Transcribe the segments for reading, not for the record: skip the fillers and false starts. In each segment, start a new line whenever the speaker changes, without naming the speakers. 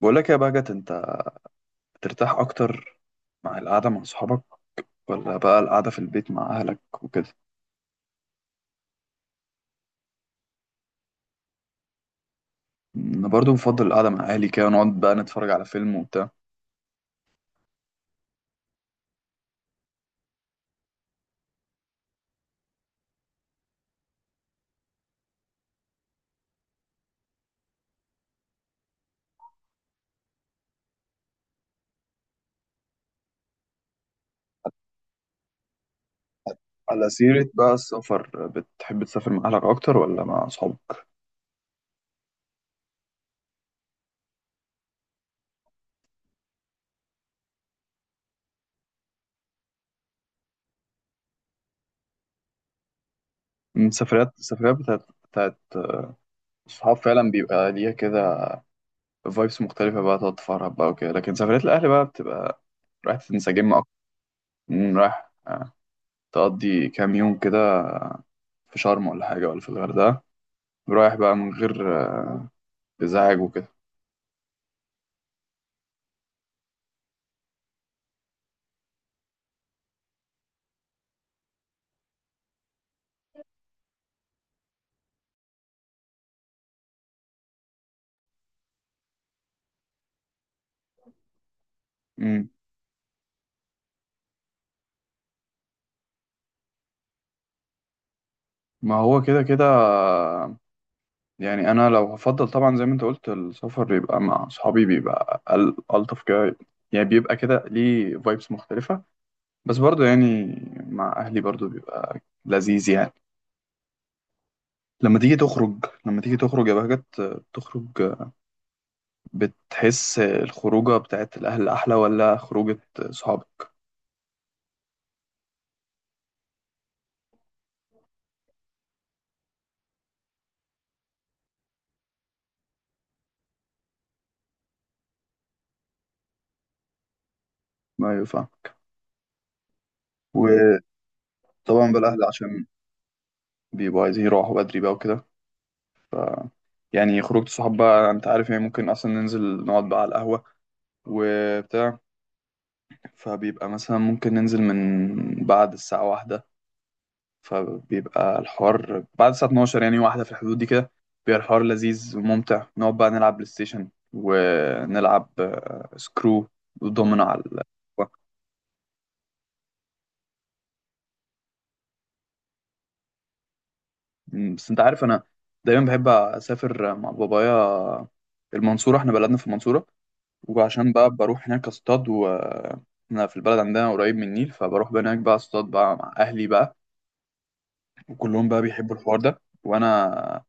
بقول لك يا بهجت، انت بترتاح اكتر مع القعده مع صحابك ولا بقى القعده في البيت مع اهلك وكده؟ انا برضو بفضل القعده مع اهلي، كده نقعد بقى نتفرج على فيلم وبتاع. على سيره بقى السفر، بتحب تسافر مع اهلك اكتر ولا مع صحابك؟ من السفريات بتاعت الصحاب فعلا بيبقى ليها كده فايبس مختلفه، بقى تقعد تفرح بقى وكده، لكن سفريات الاهل بقى بتبقى رايح تنسجم اكتر. رايح، تقضي كام يوم كده في شرم ولا حاجه ولا في الغردقه، رايح بقى من غير ازعاج وكده. مم. ما هو كده كده، يعني انا لو هفضل طبعا زي ما انت قلت، السفر يبقى مع اصحابي، بيبقى الطف كده، يعني بيبقى كده ليه فايبس مختلفة، بس برضو يعني مع اهلي برضو بيبقى لذيذ يعني. لما تيجي تخرج يا بهجت، تخرج، بتحس الخروجة بتاعت الاهل احلى ولا خروجة صحابك؟ ما ينفع، وطبعا بقى الاهل عشان بيبقوا عايزين يروحوا بدري بقى وكده، ف يعني خروجة الصحاب بقى انت عارف، يعني ممكن اصلا ننزل نقعد بقى على القهوة وبتاع، فبيبقى مثلا ممكن ننزل من بعد الساعة واحدة، فبيبقى الحوار بعد الساعة 12، يعني واحدة في الحدود دي كده، بيبقى الحوار لذيذ وممتع، نقعد بقى نلعب بلاي ستيشن ونلعب سكرو ودومينو. بس انت عارف انا دايما بحب اسافر مع بابايا. المنصورة احنا بلدنا في المنصورة، وعشان بقى بروح هناك اصطاد، و احنا في البلد عندنا قريب من النيل، فبروح بقى هناك بقى اصطاد بقى مع اهلي بقى، وكلهم بقى بيحبوا الحوار ده، وانا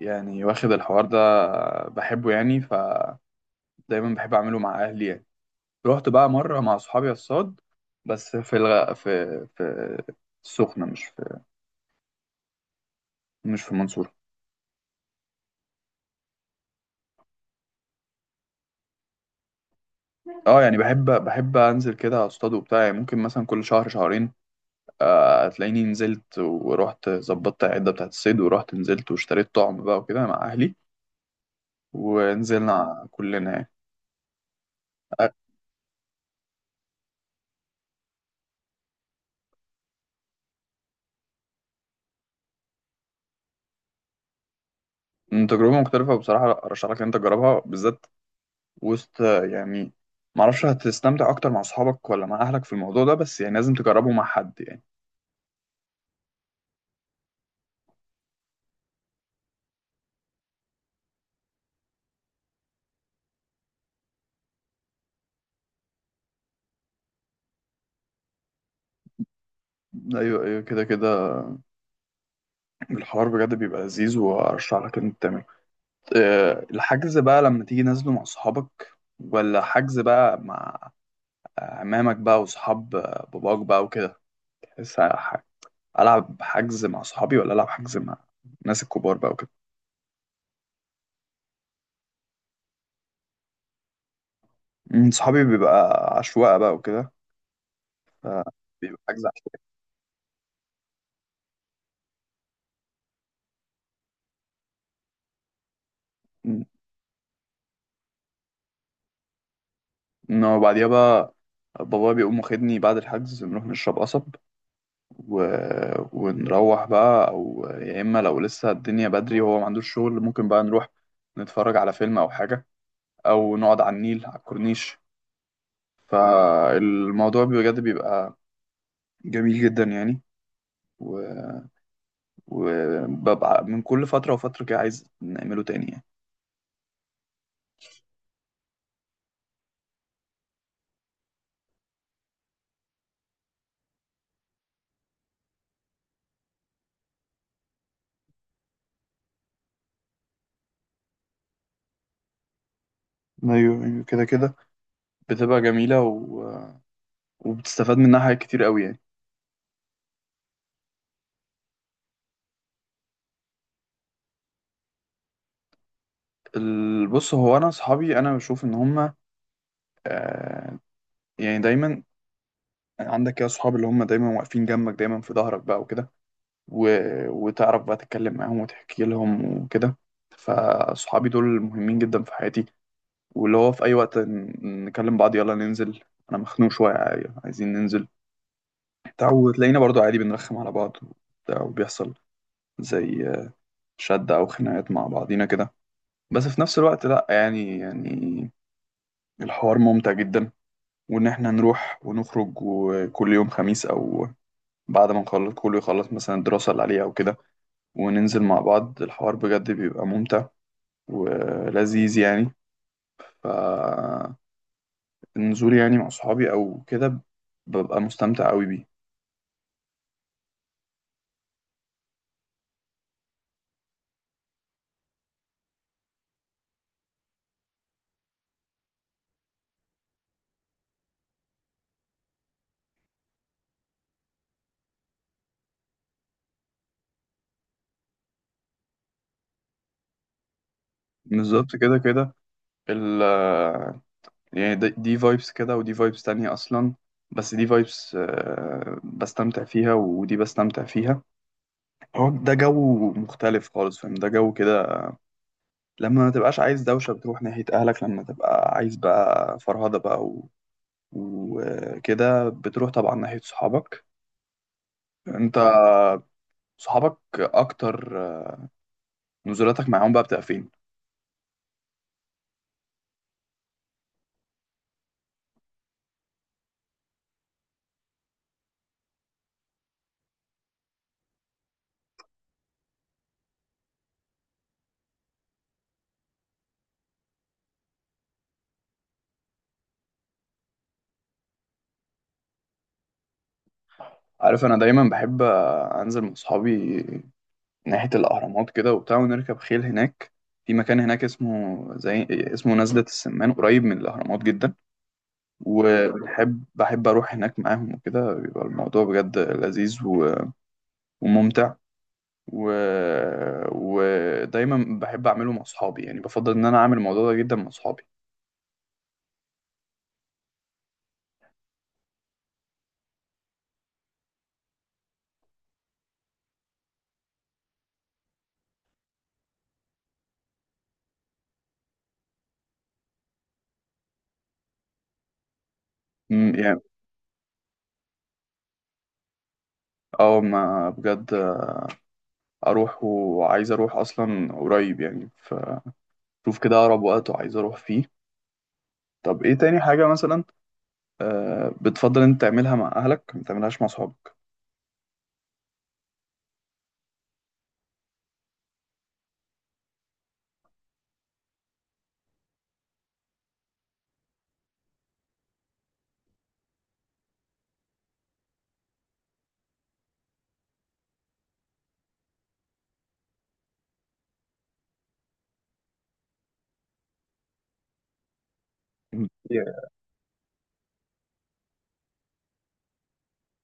يعني واخد الحوار ده بحبه يعني، فدايما بحب اعمله مع اهلي يعني. رحت بقى مره مع اصحابي الصاد، بس في السخنه، مش في المنصوره. اه يعني بحب انزل كده اصطاد وبتاع، يعني ممكن مثلا كل شهر شهرين. هتلاقيني نزلت ورحت ظبطت العده بتاعت الصيد، ورحت نزلت واشتريت طعم بقى وكده مع اهلي، ونزلنا كلنا يعني. آه، تجربة مختلفة بصراحة، أرشح لك إن أنت تجربها بالذات، وسط يعني معرفش هتستمتع اكتر مع اصحابك ولا مع اهلك في الموضوع ده، بس يعني لازم تجربه مع حد يعني. ايوه، ايوه، كده كده. الحوار بجد بيبقى لذيذ، وارشح لك ان انت تعمله. الحجز بقى لما تيجي نازله، مع اصحابك ولا حجز بقى مع عمامك بقى واصحاب باباك بقى وكده؟ بس العب حجز مع صحابي ولا العب حجز مع الناس الكبار بقى وكده؟ صحابي بيبقى عشوائي بقى وكده، بيبقى حجز عشوائي. انه بعديها بقى بابا بيقوم واخدني بعد الحجز، نروح نشرب قصب، و... ونروح بقى، او يا اما لو لسه الدنيا بدري وهو ما عندوش شغل، ممكن بقى نروح نتفرج على فيلم او حاجة، او نقعد على النيل على الكورنيش. فالموضوع بجد بيبقى جميل جدا يعني، و- وببقى من كل فترة وفترة كده عايز نعمله تاني يعني. ايوه، ايوه، كده كده. بتبقى جميلة، وبتستفاد منها حاجات كتير قوي يعني. بص، هو انا اصحابي انا بشوف ان هم، آه، يعني دايما عندك كده صحاب اللي هم دايما واقفين جنبك، دايما في ظهرك بقى وكده، و... وتعرف بقى تتكلم معاهم وتحكي لهم وكده، فصحابي دول مهمين جدا في حياتي، واللي هو في اي وقت نكلم بعض يلا ننزل، انا مخنوق شويه عايزين ننزل بتاع وتلاقينا برضو عادي بنرخم على بعض وبتاع، وبيحصل زي شد او خناقات مع بعضينا كده، بس في نفس الوقت لا يعني الحوار ممتع جدا، وان احنا نروح ونخرج وكل يوم خميس او بعد ما نخلص كله، يخلص مثلا الدراسة اللي عليه أو كده، وننزل مع بعض، الحوار بجد بيبقى ممتع ولذيذ يعني. فالنزول يعني مع صحابي أو كده ببقى مستمتع أوي بيه. بالظبط، كده كده. ال يعني دي فايبس كده، ودي فايبس تانية أصلا، بس دي فايبس بستمتع فيها ودي بستمتع فيها. هو ده جو مختلف خالص، فاهم ده جو كده؟ لما ما تبقاش عايز دوشة بتروح ناحية أهلك، لما تبقى عايز بقى فرهدة بقى وكده بتروح طبعا ناحية صحابك. انت صحابك اكتر نزولاتك معاهم بقى بتبقى فين؟ عارف انا دايما بحب انزل مع صحابي ناحية الاهرامات كده وبتاع، ونركب خيل هناك. في مكان هناك اسمه زي اسمه نزلة السمان، قريب من الاهرامات جدا، وبحب اروح هناك معاهم وكده، بيبقى الموضوع بجد لذيذ وممتع، و... ودايما بحب اعمله مع صحابي يعني، بفضل ان انا اعمل الموضوع ده جدا مع صحابي. اه ما بجد اروح، وعايز اروح اصلا قريب يعني، فشوف كده اقرب وقت وعايز اروح فيه. طب ايه تاني حاجة مثلا بتفضل انت تعملها مع اهلك ما تعملها مع صحابك؟ Yeah.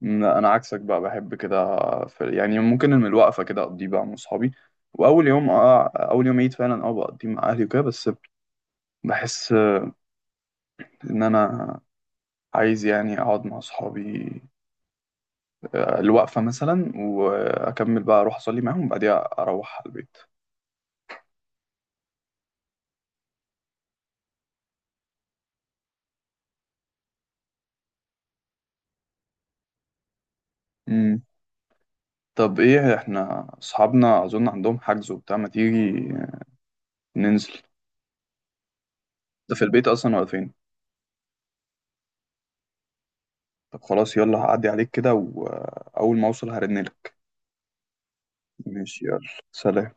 لا، انا عكسك بقى، بحب كده في، يعني ممكن من الوقفة كده اقضيه بقى مع صحابي، واول يوم اه اول يوم عيد فعلا بقضيه مع اهلي وكده، بس بحس ان انا عايز يعني اقعد مع صحابي الوقفة مثلا، واكمل بقى اروح اصلي معاهم، وبعديها اروح على البيت. طب، ايه، احنا اصحابنا اظن عندهم حجز وبتاع، ما تيجي ننزل. ده في البيت اصلا ولا فين؟ طب خلاص، يلا هعدي عليك كده، واول ما اوصل هرنلك. ماشي، يلا، سلام.